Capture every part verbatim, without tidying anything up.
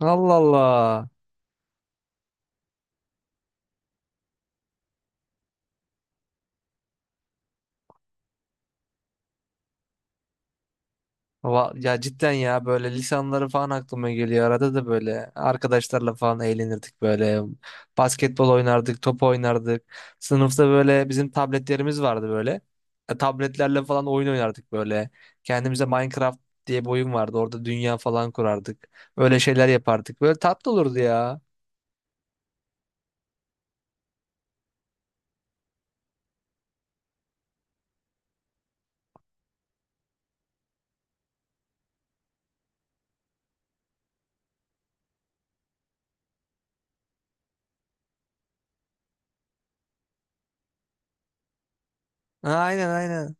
Allah Allah. Va- Ya cidden ya, böyle lisanları falan aklıma geliyor. Arada da böyle arkadaşlarla falan eğlenirdik böyle. Basketbol oynardık, top oynardık. Sınıfta böyle bizim tabletlerimiz vardı böyle. E, tabletlerle falan oyun oynardık böyle. Kendimize Minecraft diye bir oyun vardı. Orada dünya falan kurardık. Öyle şeyler yapardık. Böyle tatlı olurdu ya. Aynen aynen.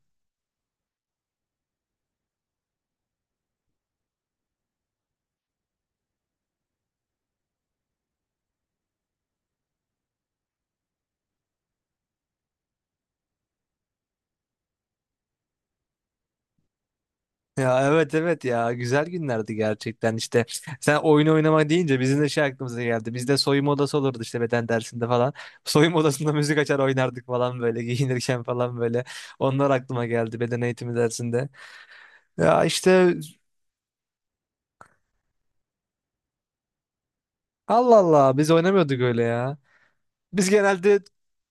Ya evet evet, ya güzel günlerdi gerçekten. İşte sen oyun oynama deyince bizim de şey aklımıza geldi, bizde de soyunma odası olurdu işte beden dersinde falan. Soyunma odasında müzik açar oynardık falan böyle. Giyinirken falan böyle, onlar aklıma geldi beden eğitimi dersinde, ya işte. Allah Allah, biz oynamıyorduk öyle ya. Biz genelde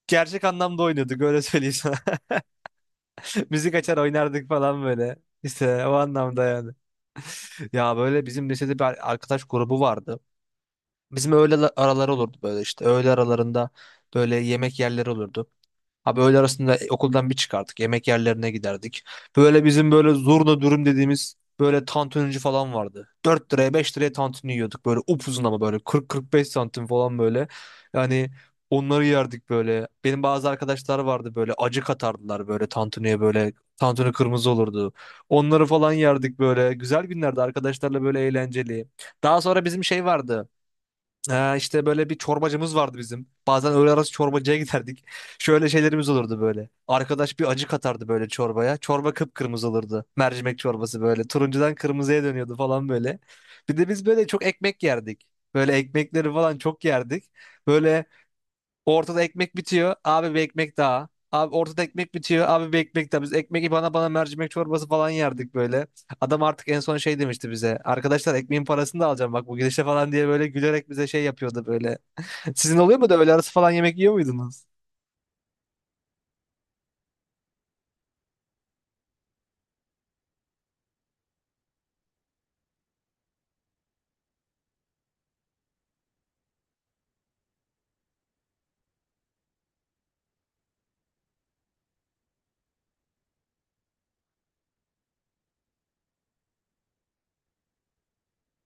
gerçek anlamda oynuyorduk, öyle söyleyeyim sana. Müzik açar oynardık falan böyle, işte o anlamda yani. Ya böyle bizim lisede bir arkadaş grubu vardı. Bizim öğle la- araları olurdu böyle işte. Öğle aralarında böyle yemek yerleri olurdu. Abi öğle arasında e, okuldan bir çıkardık. Yemek yerlerine giderdik. Böyle bizim böyle zurna dürüm dediğimiz böyle tantunici falan vardı. Dört liraya, beş liraya tantuni yiyorduk. Böyle upuzun ama böyle kırk, kırk beş santim falan böyle. Yani onları yerdik böyle. Benim bazı arkadaşlar vardı, böyle acı katardılar böyle tantuniye böyle. Tantuni kırmızı olurdu. Onları falan yerdik böyle. Güzel günlerdi arkadaşlarla, böyle eğlenceli. Daha sonra bizim şey vardı. Ee, işte böyle bir çorbacımız vardı bizim. Bazen öğle arası çorbacıya giderdik. Şöyle şeylerimiz olurdu böyle. Arkadaş bir acı katardı böyle çorbaya. Çorba kıpkırmızı olurdu. Mercimek çorbası böyle. Turuncudan kırmızıya dönüyordu falan böyle. Bir de biz böyle çok ekmek yerdik. Böyle ekmekleri falan çok yerdik. Böyle ortada ekmek bitiyor. Abi bir ekmek daha. Abi ortada ekmek bitiyor. Abi bir ekmek daha. Biz ekmek bana bana mercimek çorbası falan yerdik böyle. Adam artık en son şey demişti bize. Arkadaşlar, ekmeğin parasını da alacağım bak bu gidişle falan diye böyle gülerek bize şey yapıyordu böyle. Sizin oluyor mu da, öğle arası falan yemek yiyor muydunuz?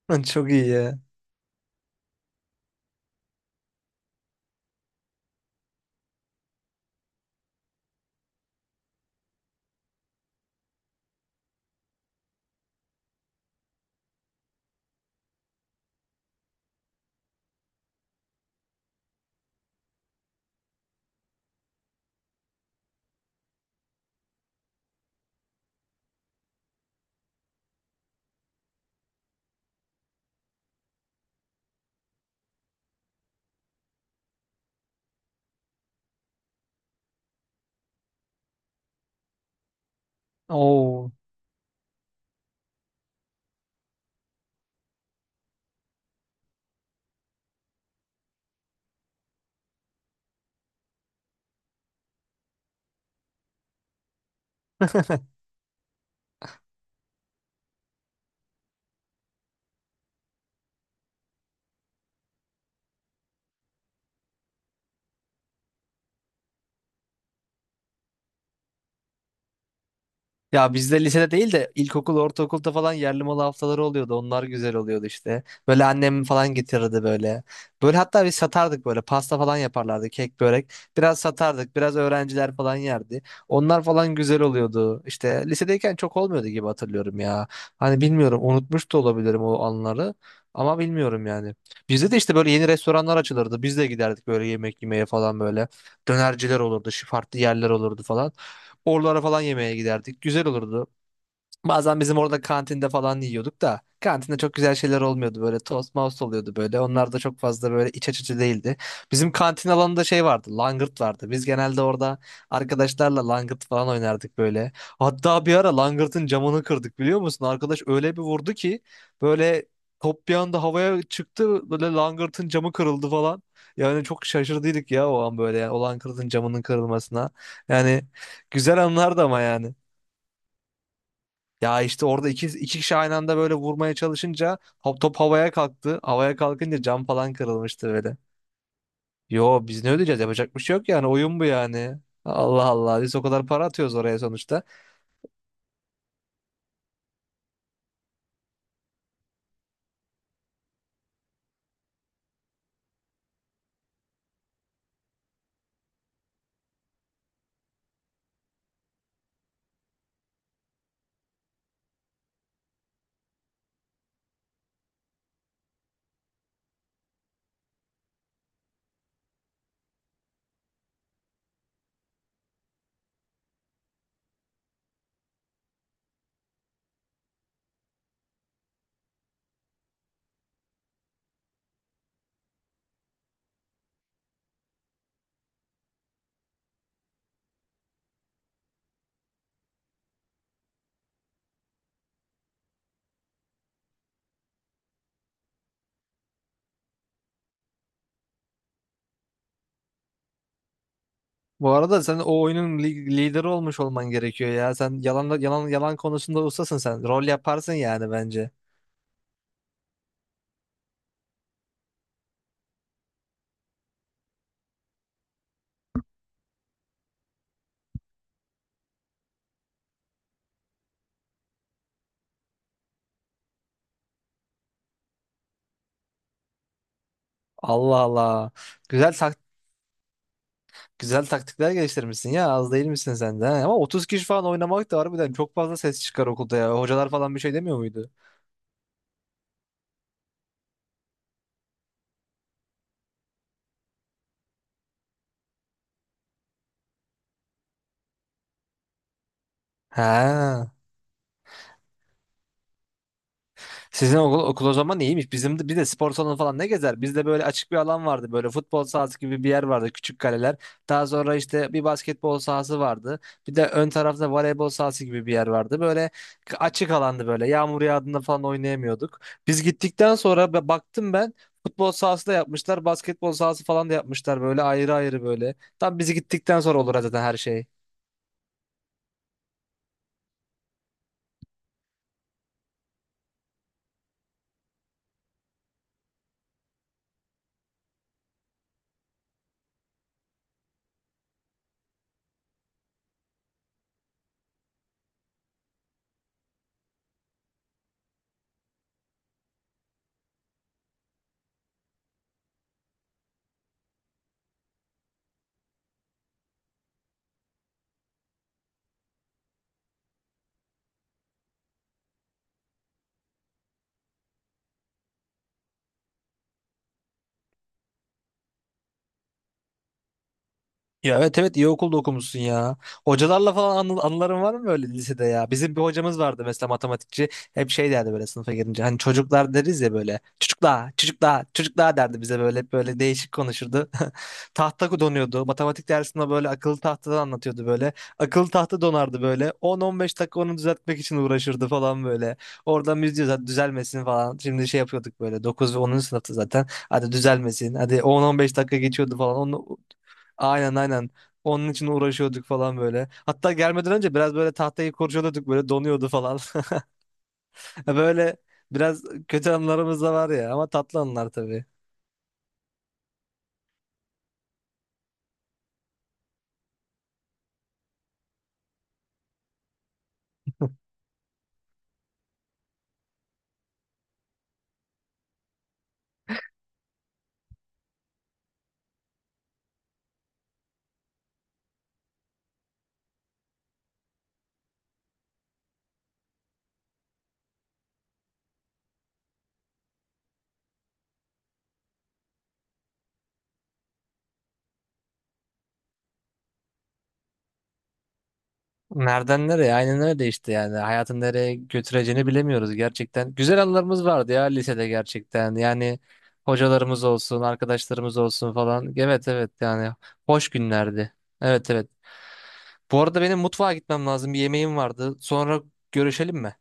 Çok iyi ya. Oo. Ya bizde lisede değil de ilkokul, ortaokulda falan yerli malı haftaları oluyordu. Onlar güzel oluyordu işte. Böyle annem falan getirirdi böyle. Böyle hatta biz satardık böyle. Pasta falan yaparlardı, kek, börek. Biraz satardık, biraz öğrenciler falan yerdi. Onlar falan güzel oluyordu. İşte lisedeyken çok olmuyordu gibi hatırlıyorum ya. Hani bilmiyorum, unutmuş da olabilirim o anları. Ama bilmiyorum yani. Bizde de işte böyle yeni restoranlar açılırdı. Biz de giderdik böyle yemek yemeye falan böyle. Dönerciler olurdu, şu farklı yerler olurdu falan. Oralara falan yemeğe giderdik. Güzel olurdu. Bazen bizim orada kantinde falan yiyorduk da kantinde çok güzel şeyler olmuyordu, böyle tost mouse oluyordu böyle, onlar da çok fazla böyle iç açıcı değildi. Bizim kantin alanında şey vardı, langırt vardı, biz genelde orada arkadaşlarla langırt falan oynardık böyle. Hatta bir ara langırtın camını kırdık, biliyor musun? Arkadaş öyle bir vurdu ki böyle, top bir anda havaya çıktı, böyle langırtın camı kırıldı falan. Yani çok şaşırdıydık ya o an, böyle yani o langırtın camının kırılmasına. Yani güzel anlardı ama yani. Ya işte orada iki, iki kişi aynı anda böyle vurmaya çalışınca hop, top havaya kalktı. Havaya kalkınca cam falan kırılmıştı böyle. Yo, biz ne ödeyeceğiz? Yapacak bir şey yok yani, oyun bu yani. Allah Allah, biz o kadar para atıyoruz oraya sonuçta. Bu arada sen o oyunun li- lideri olmuş olman gerekiyor ya. Sen yalan yalan yalan konusunda ustasın sen. Rol yaparsın yani, bence. Allah Allah. Güzel tak güzel taktikler geliştirmişsin ya. Az değil misin sen de? He? Ama otuz kişi falan oynamak da harbiden çok fazla ses çıkar okulda ya. Hocalar falan bir şey demiyor muydu? He. Sizin okul, okul o zaman iyiymiş. Bizim de, bir de spor salonu falan ne gezer? Bizde böyle açık bir alan vardı. Böyle futbol sahası gibi bir yer vardı. Küçük kaleler. Daha sonra işte bir basketbol sahası vardı. Bir de ön tarafta voleybol sahası gibi bir yer vardı. Böyle açık alandı böyle. Yağmur yağdığında falan oynayamıyorduk. Biz gittikten sonra be- baktım ben. Futbol sahası da yapmışlar. Basketbol sahası falan da yapmışlar böyle ayrı ayrı böyle. Tam bizi gittikten sonra olur zaten her şey. Ya evet evet, iyi okulda okumuşsun ya. Hocalarla falan anı- anıların var mı böyle lisede ya? Bizim bir hocamız vardı mesela, matematikçi. Hep şey derdi böyle sınıfa girince. Hani çocuklar deriz ya böyle. Çocuklar, çocuklar, çocuklar derdi bize böyle. Hep böyle değişik konuşurdu. Tahta donuyordu. Matematik dersinde böyle akıllı tahtadan anlatıyordu böyle. Akıllı tahta donardı böyle. on on beş dakika onu düzeltmek için uğraşırdı falan böyle. Oradan biz diyoruz hadi düzelmesin falan. Şimdi şey yapıyorduk böyle dokuz ve onuncu sınıfta zaten. Hadi düzelmesin. Hadi on on beş dakika geçiyordu falan. Onu aynen aynen. Onun için uğraşıyorduk falan böyle. Hatta gelmeden önce biraz böyle tahtayı kurcalıyorduk, böyle donuyordu falan. Böyle biraz kötü anılarımız da var ya, ama tatlı anılar tabii. Nereden nereye? Aynen öyle işte yani. Hayatın nereye götüreceğini bilemiyoruz gerçekten. Güzel anılarımız vardı ya lisede gerçekten. Yani hocalarımız olsun, arkadaşlarımız olsun falan. Evet evet yani, hoş günlerdi. Evet evet. Bu arada benim mutfağa gitmem lazım. Bir yemeğim vardı. Sonra görüşelim mi?